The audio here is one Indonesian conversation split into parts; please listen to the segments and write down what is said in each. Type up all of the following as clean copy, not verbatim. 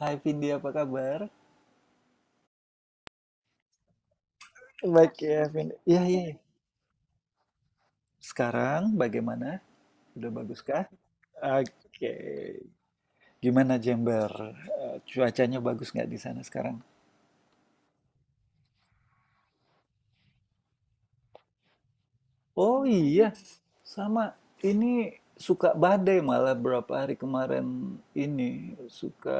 Hai Vindi, apa kabar? Baik ya, Vin. Iya, iya, iya. Sekarang bagaimana? Udah baguskah? Oke. Gimana Jember? Eh, cuacanya bagus nggak di sana sekarang? Oh iya, sama. Ini suka badai malah berapa hari kemarin ini. Suka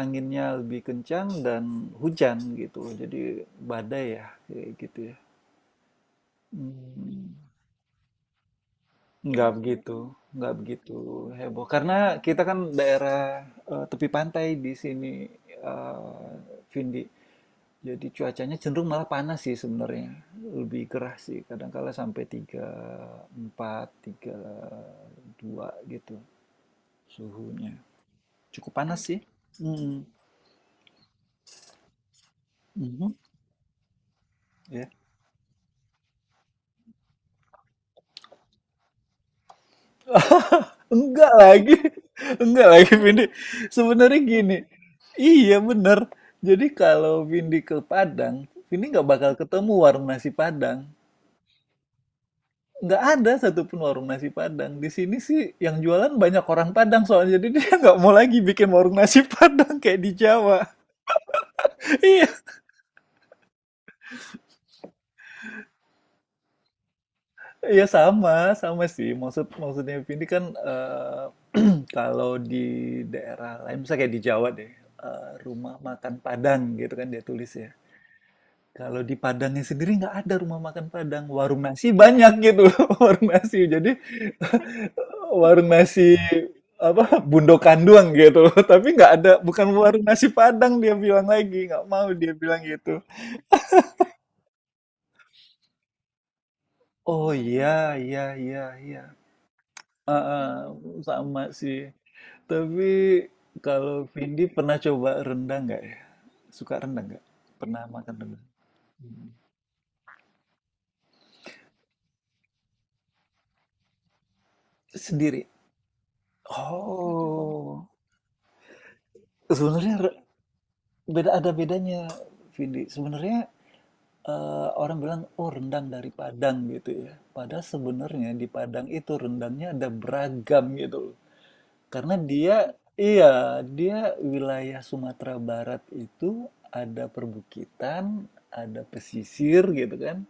anginnya lebih kencang dan hujan gitu. Jadi badai ya, kayak gitu ya. Hmm. Nggak begitu, nggak begitu heboh. Karena kita kan daerah tepi pantai di sini, eh, Vindi. Jadi cuacanya cenderung malah panas sih sebenarnya. Lebih gerah sih, kadang-kala sampai tiga empat, tiga dua gitu suhunya. Cukup panas sih. Mm. Mhm. Ya. Enggak lagi, enggak lagi Vindi. Sebenarnya gini, iya bener. Jadi kalau Vindi ke Padang, Vindi nggak bakal ketemu warung nasi Padang. Nggak ada satupun warung nasi Padang. Di sini sih yang jualan banyak orang Padang soalnya. Jadi dia nggak mau lagi bikin warung nasi Padang kayak di Jawa. Iya, iya sama, sama sih. Maksudnya Vindi kan eh, kalau di daerah lain, misalnya kayak di Jawa deh, rumah makan Padang gitu kan dia tulis ya. Kalau di Padangnya sendiri nggak ada rumah makan Padang, warung nasi banyak gitu, warung nasi. Jadi warung nasi apa bundokan doang gitu, tapi nggak ada, bukan warung nasi Padang dia bilang lagi, nggak mau dia bilang gitu. Oh iya iya iya iya, ah, ah, sama sih. Tapi kalau Vindi pernah coba rendang nggak ya? Suka rendang nggak? Pernah makan rendang sendiri? Oh, sebenarnya ada bedanya Vindi. Sebenarnya, orang bilang, "Oh, rendang dari Padang," gitu ya. Padahal sebenarnya di Padang itu rendangnya ada beragam gitu loh. Karena dia wilayah Sumatera Barat itu ada perbukitan, ada pesisir gitu kan,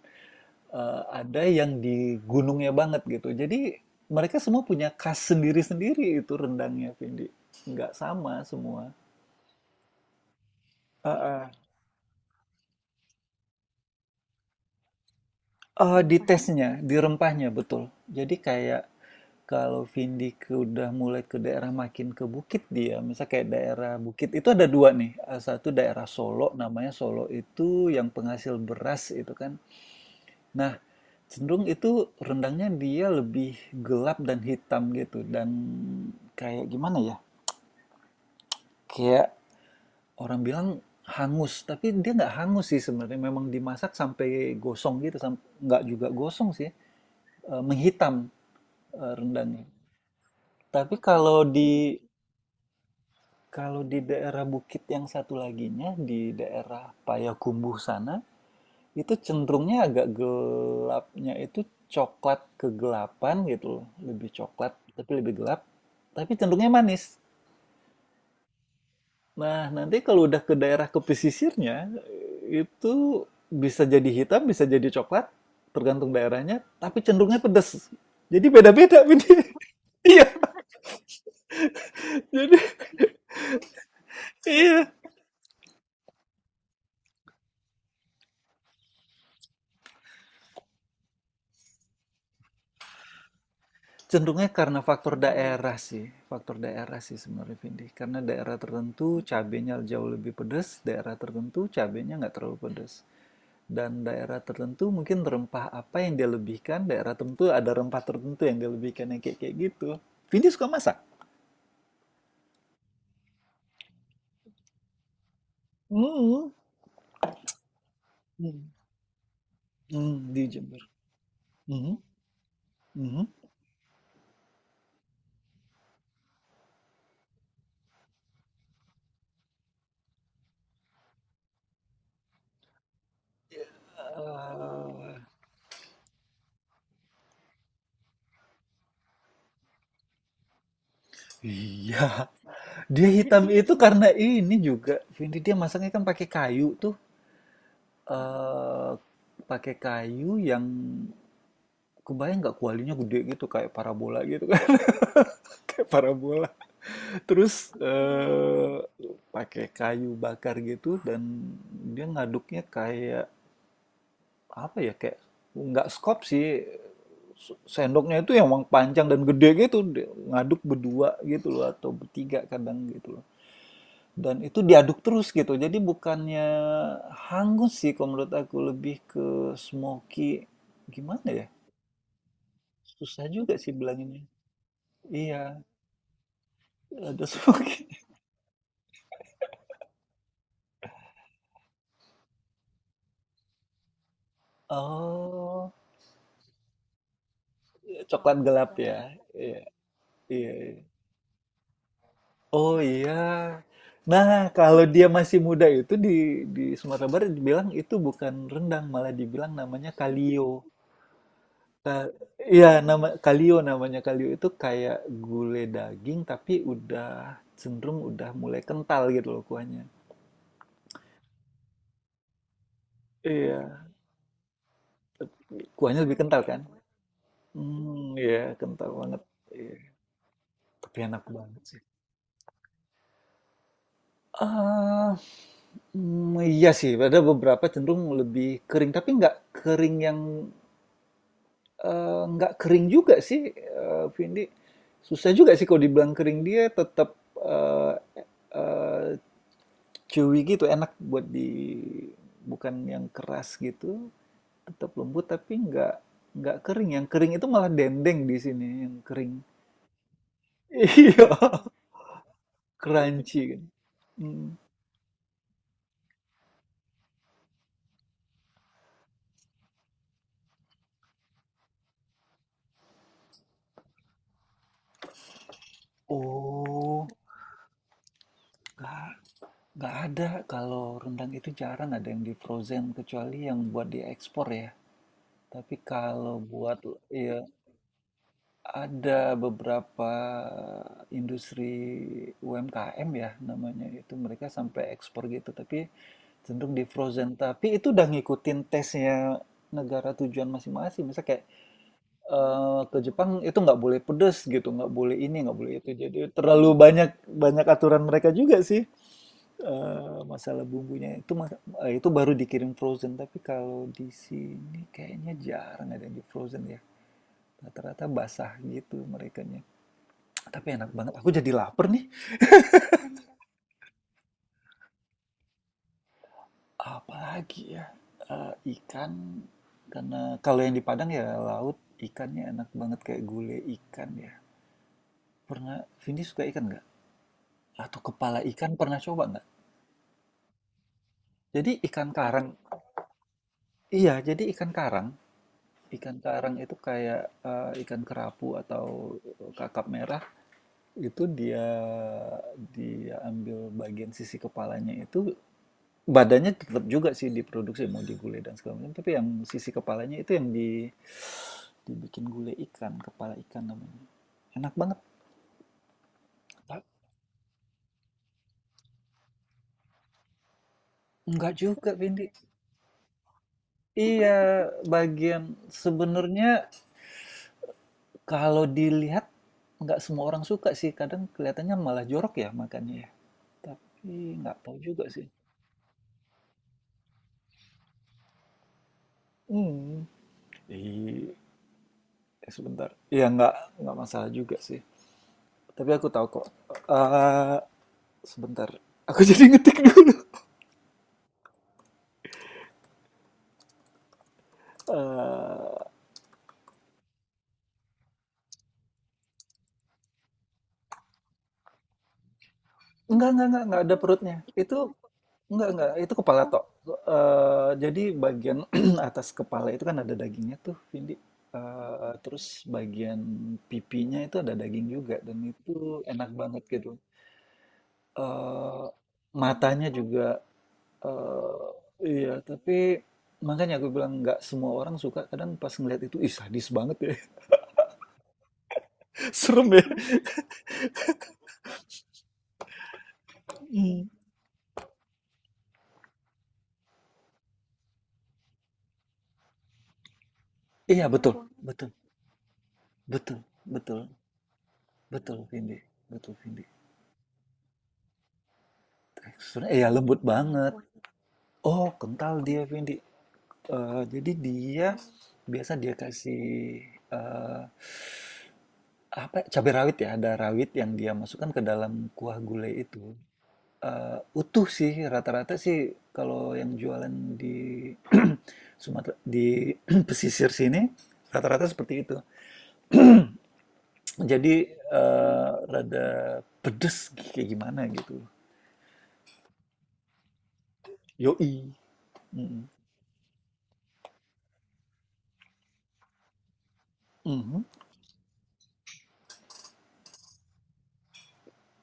ada yang di gunungnya banget gitu. Jadi mereka semua punya khas sendiri-sendiri itu rendangnya, Vindi. Nggak sama semua. Heeh. Di tesnya, di rempahnya, betul. Jadi kayak kalau vindik udah mulai ke daerah makin ke bukit dia, misal kayak daerah bukit itu ada 2 nih, satu daerah Solo, namanya Solo itu yang penghasil beras itu kan. Nah, cenderung itu rendangnya dia lebih gelap dan hitam gitu dan kayak gimana ya, kayak orang bilang hangus, tapi dia nggak hangus sih sebenarnya, memang dimasak sampai gosong gitu, nggak juga gosong sih, menghitam, rendangnya. Tapi kalau di daerah bukit yang satu laginya di daerah Payakumbuh sana itu cenderungnya agak gelapnya itu coklat kegelapan gitu loh. Lebih coklat tapi lebih gelap, tapi cenderungnya manis. Nah, nanti kalau udah ke pesisirnya itu bisa jadi hitam, bisa jadi coklat, tergantung daerahnya, tapi cenderungnya pedas. Jadi beda-beda. Iya, jadi iya. Cenderungnya karena faktor daerah sih sebenarnya Vindi. Karena daerah tertentu cabenya jauh lebih pedas, daerah tertentu cabenya nggak terlalu pedas. Dan daerah tertentu mungkin rempah apa yang dia lebihkan, daerah tertentu ada rempah tertentu yang dia lebihkan yang kayak kayak gitu. Vindi suka masak? Hmm, hmm, hmm. Di Jember. Hmm, hmm. Eh, iya, dia hitam itu karena ini juga. Vindi dia masaknya kan pakai kayu tuh. eh Pakai kayu yang kebayang nggak kualinya gede gitu kayak parabola gitu kan, kayak parabola terus pakai kayu bakar gitu, dan dia ngaduknya kayak apa ya, kayak nggak skop sih, sendoknya itu yang emang panjang dan gede gitu. Dia ngaduk berdua gitu loh atau bertiga kadang gitu loh, dan itu diaduk terus gitu, jadi bukannya hangus sih, kalau menurut aku lebih ke smoky, gimana ya. Susah juga sih bilanginnya. Iya, ada smoky. Oh, coklat gelap ya? Iya, iya, iya. Oh iya. Nah, kalau dia masih muda itu di Sumatera Barat dibilang itu bukan rendang, malah dibilang namanya kalio. Ka- Iya, namanya kalio itu kayak gulai daging tapi udah mulai kental gitu loh kuahnya. Iya, kuahnya lebih kental kan? Hmm, iya, kental banget. Iya, tapi enak banget. Eee, iya sih, ada beberapa cenderung lebih kering, tapi nggak kering yang, nggak kering juga sih, Vindi. Susah juga sih kalau dibilang kering, dia tetap, eee eee, chewy gitu, enak buat di bukan yang keras gitu, tetap lembut tapi nggak kering. Yang kering itu malah dendeng di sini, yang kering. Iya, crunchy kan. Mhm. Oh, nggak ada. Kalau rendang itu jarang ada yang di frozen kecuali yang buat diekspor ya. Tapi kalau buat ya ada beberapa industri UMKM ya namanya, itu mereka sampai ekspor gitu tapi cenderung di frozen. Tapi itu udah ngikutin tesnya negara tujuan masing-masing. Misal kayak ke Jepang itu nggak boleh pedes gitu, nggak boleh ini, nggak boleh itu. Jadi terlalu banyak banyak aturan mereka juga sih. Masalah bumbunya itu, masa itu baru dikirim frozen, tapi kalau di sini kayaknya jarang ada yang di frozen ya. Rata-rata basah gitu merekanya. Tapi enak banget, aku jadi lapar nih. Apalagi ya, ikan, karena kalau yang di Padang ya laut, ikannya enak banget kayak gulai ikan ya. Pernah Vindi suka ikan nggak? Atau kepala ikan pernah coba nggak? Jadi ikan karang iya, jadi ikan karang Ikan karang itu kayak ikan kerapu atau kakap merah, itu dia dia ambil bagian sisi kepalanya itu, badannya tetap juga sih diproduksi mau digulai dan segala macam, tapi yang sisi kepalanya itu yang dibikin gulai ikan, kepala ikan namanya. Enak banget. Ta- Enggak juga, Vindi. Iya, bagian sebenarnya kalau dilihat nggak semua orang suka sih. Kadang kelihatannya malah jorok ya makannya ya. Tapi nggak tahu juga sih. Hmm, i Sebentar. Iya, nggak masalah juga sih. Tapi aku tahu kok, eee, sebentar, aku jadi ngetik dulu, eee, enggak ada perutnya. Itu enggak, itu kepala, oh, tok, jadi bagian atas kepala itu kan ada dagingnya tuh, Vindi, terus bagian pipinya itu ada daging juga dan itu enak banget gitu. Eee, Matanya juga. Eee, iya, tapi makanya aku bilang nggak semua orang suka. Kadang pas ngeliat itu, "Ih, sadis banget ya, serem ya." Iya, ya betul betul betul betul betul, Vindi, betul, Vindi. Teksturnya iya, lembut ya banget. Oh, kental dia, Vindi. Jadi dia biasa dia kasih, eee, apa ya, cabai rawit ya, ada rawit yang dia masukkan ke dalam kuah gulai itu. Utuh sih, rata-rata sih kalau yang jualan di Sumatera di pesisir sini rata-rata seperti itu. Jadi, rada pedes kayak gimana gitu. Yoi, mhm, mhm.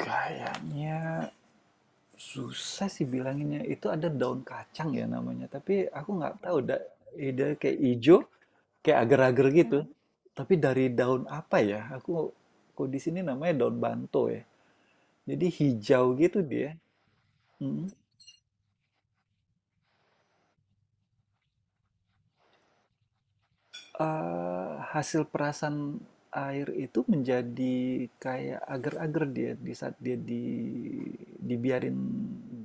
Kayaknya susah sih bilanginnya, itu ada daun kacang ya namanya, tapi aku nggak tahu da i kayak ijo, kayak agar-agar gitu, Mhm. Tapi dari daun apa ya? Aku kalau di sini namanya daun banto ya. Jadi hijau gitu dia. Mm. Hasil perasan air itu menjadi kayak agar-agar dia di saat dia dibiarin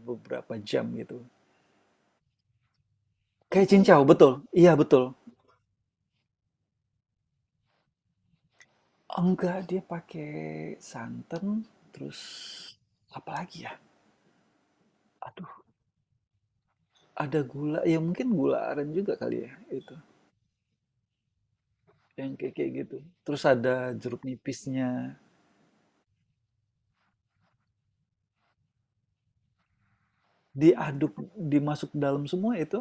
beberapa jam gitu. Kayak cincau, betul. Iya, betul. Enggak, dia pakai santan terus apa lagi ya? Aduh, ada gula. Ya mungkin gula aren juga kali ya itu. Yang kayak kayak gitu. Terus ada jeruk nipisnya. Diaduk, dimasuk dalam semua itu.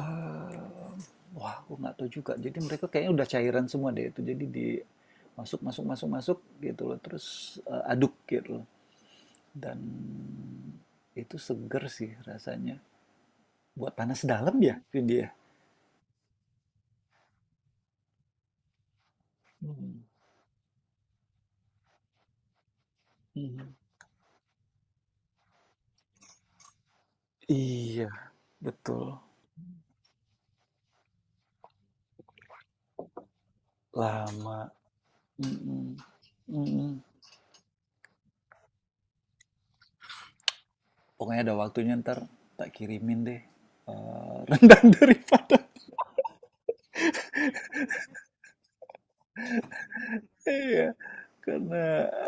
Eee, Wah aku nggak tahu juga. Jadi mereka kayaknya udah cairan semua deh itu. Jadi di masuk masuk masuk masuk gitu loh. Terus, aduk gitu loh. Dan itu seger sih rasanya. Buat panas dalam ya ini ya? Mhm, mhm. Iya, betul. Lama. Mhm, mhm. Pokoknya ada waktunya ntar tak kirimin deh, rendang dari Padang. Ya. Karena,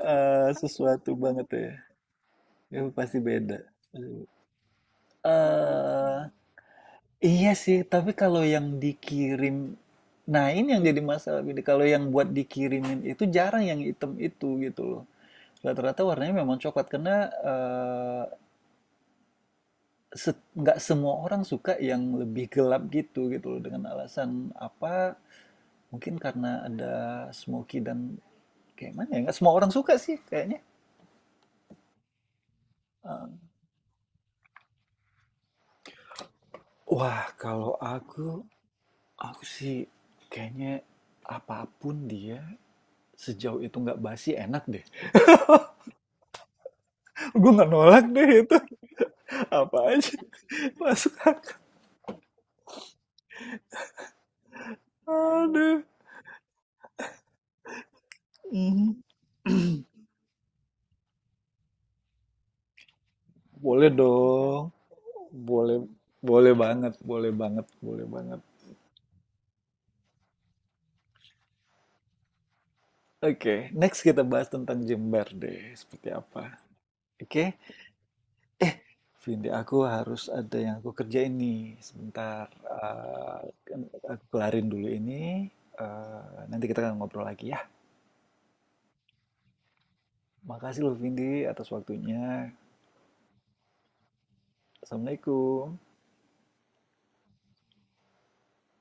sesuatu banget ya. Itu pasti beda. Eee, iya sih, tapi kalau yang dikirim, nah ini yang jadi masalah gini, kalau yang buat dikirimin itu jarang yang hitam itu gitu loh. Rata-rata warnanya memang coklat karena, eee, set nggak semua orang suka yang lebih gelap gitu gitu loh, dengan alasan apa, mungkin karena ada smoky dan kayak mana ya, nggak semua orang suka sih kayaknya. Wah, kalau aku, sih kayaknya apapun dia sejauh itu nggak basi enak deh. Gue nggak nolak deh itu. Apa aja masuk akal. Aduh. Mhm. Boleh dong. Boleh, boleh banget, boleh banget, boleh banget. Oke, next kita bahas tentang Jember deh, seperti apa. Oke, Vindi, aku harus ada yang aku kerjain nih. Sebentar, eh, aku kelarin dulu ini. Eh, nanti kita akan ngobrol lagi ya. Makasih loh Vindi atas waktunya. Assalamualaikum.